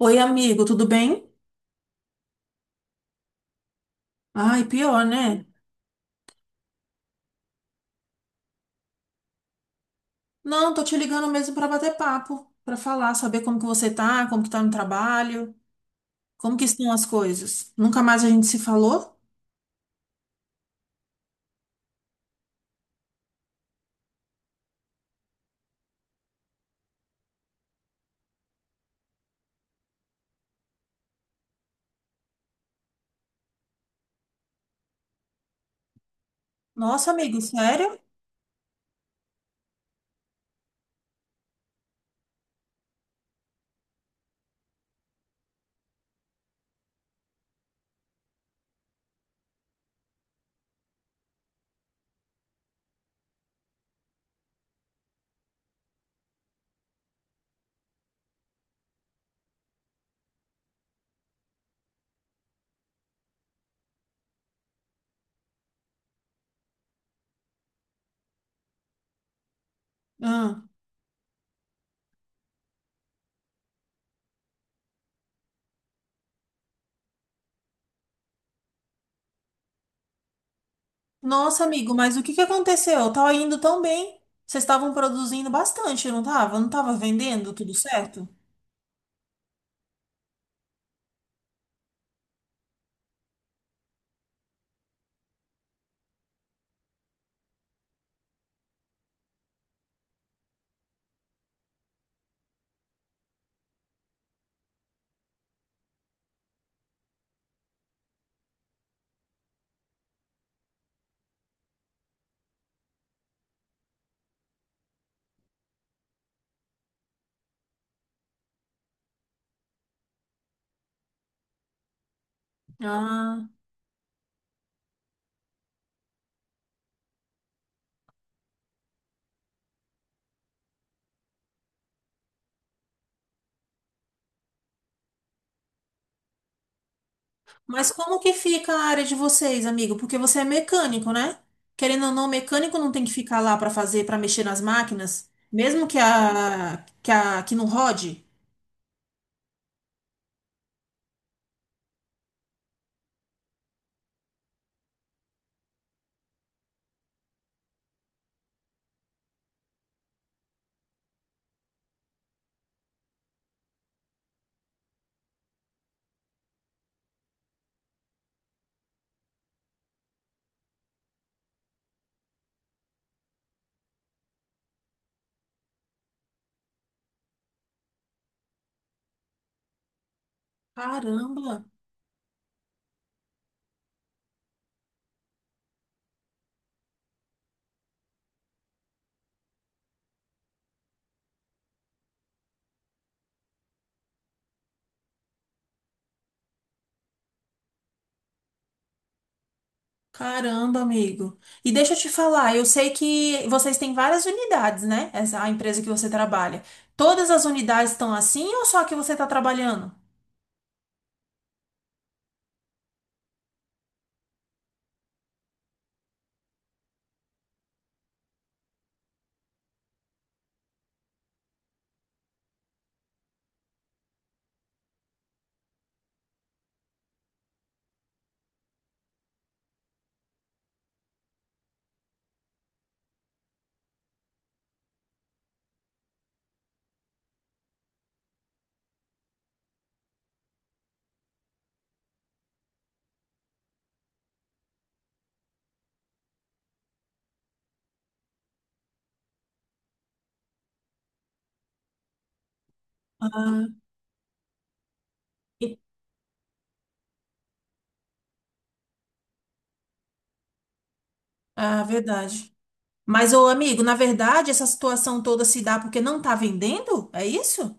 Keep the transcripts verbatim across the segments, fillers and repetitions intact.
Oi, amigo, tudo bem? Ai, pior, né? Não, tô te ligando mesmo pra bater papo, pra falar, saber como que você tá, como que tá no trabalho, como que estão as coisas. Nunca mais a gente se falou? Nossa, amigo, sério? Ah. Nossa, amigo, mas o que que aconteceu? Tava indo tão bem. Vocês estavam produzindo bastante, não tava? Não tava vendendo tudo certo? Ah. Mas como que fica a área de vocês, amigo? Porque você é mecânico, né? Querendo ou não, mecânico não tem que ficar lá para fazer, para mexer nas máquinas, mesmo que a que a que não rode. Caramba, caramba, amigo. E deixa eu te falar, eu sei que vocês têm várias unidades, né? Essa a empresa que você trabalha. Todas as unidades estão assim ou só a que você está trabalhando? Ah, e- ah, verdade. Mas, ô amigo, na verdade, essa situação toda se dá porque não está vendendo? É isso?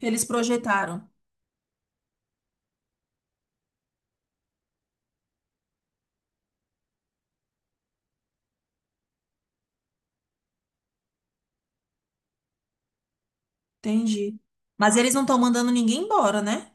Eles projetaram. Entendi. Mas eles não estão mandando ninguém embora, né?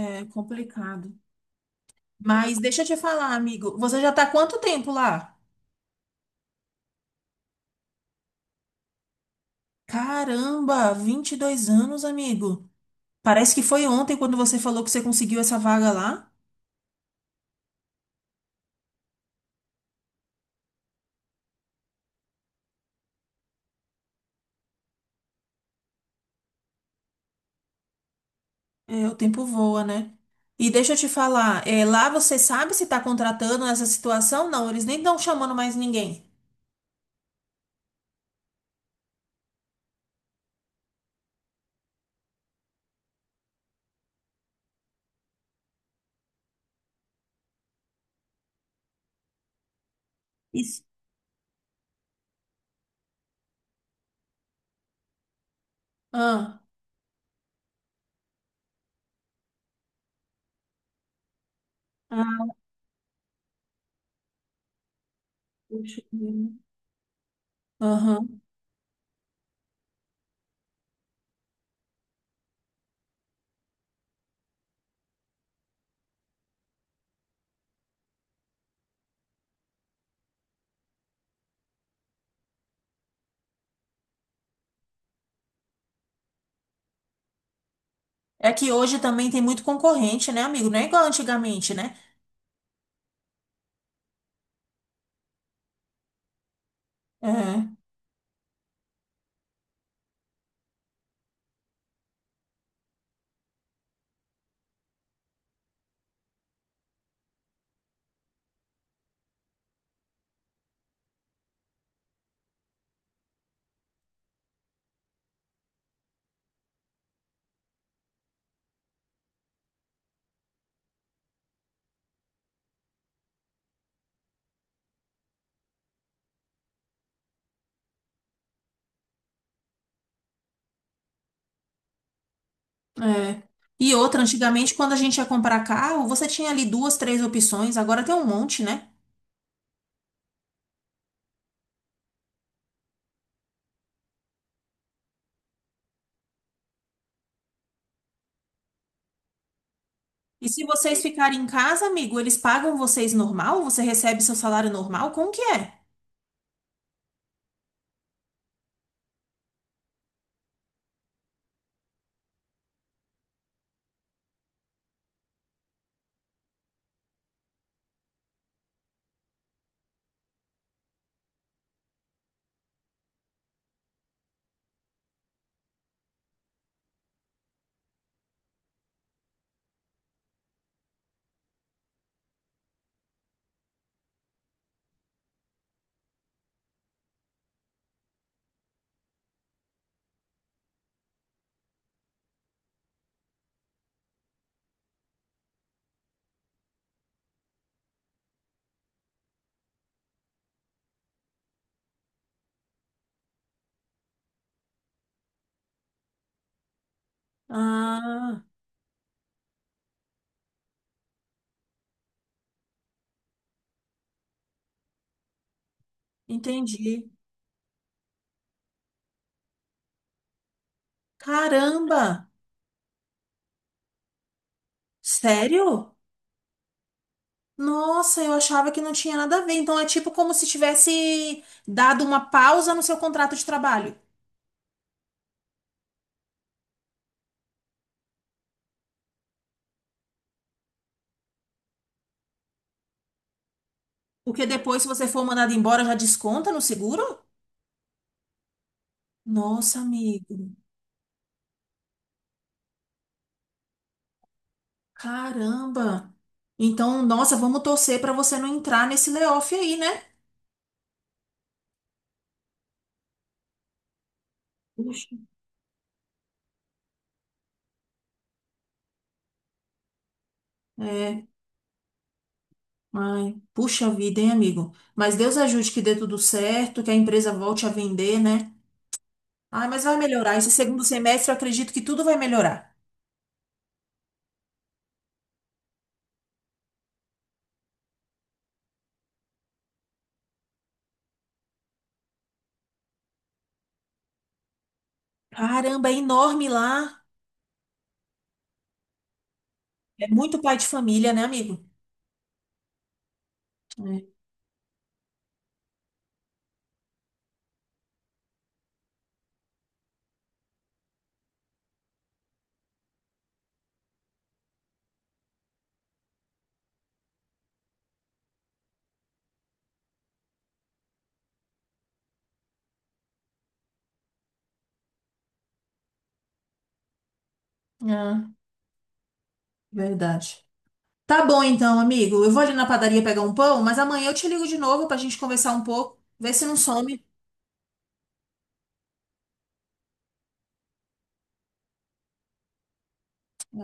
É complicado. Mas deixa eu te falar, amigo. Você já tá há quanto tempo lá? Caramba, vinte e dois anos, amigo. Parece que foi ontem quando você falou que você conseguiu essa vaga lá. É, o tempo voa, né? E deixa eu te falar, é, lá você sabe se tá contratando nessa situação? Não, eles nem estão chamando mais ninguém. Isso. Ah, ah, puxa vida. Aham. É que hoje também tem muito concorrente, né, amigo? Não é igual antigamente, né? É, é. E outra, antigamente, quando a gente ia comprar carro, você tinha ali duas, três opções, agora tem um monte, né? E se vocês ficarem em casa, amigo, eles pagam vocês normal? Você recebe seu salário normal? Como que é? Ah, entendi. Caramba! Sério? Nossa, eu achava que não tinha nada a ver. Então é tipo como se tivesse dado uma pausa no seu contrato de trabalho. Porque depois, se você for mandado embora, já desconta no seguro? Nossa, amigo. Caramba. Então, nossa, vamos torcer para você não entrar nesse layoff aí, né? Puxa. É. Ai, puxa vida, hein, amigo? Mas Deus ajude que dê tudo certo, que a empresa volte a vender, né? Ai, mas vai melhorar. Esse segundo semestre eu acredito que tudo vai melhorar. Caramba, é enorme lá. É muito pai de família, né, amigo? É. Ah, verdade. Tá bom então, amigo. Eu vou ali na padaria pegar um pão, mas amanhã eu te ligo de novo pra gente conversar um pouco, ver se não some.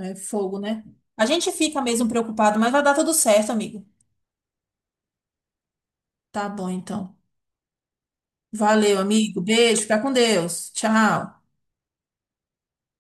É fogo, né? A gente fica mesmo preocupado, mas vai dar tudo certo, amigo. Tá bom então. Valeu, amigo. Beijo, fica com Deus. Tchau.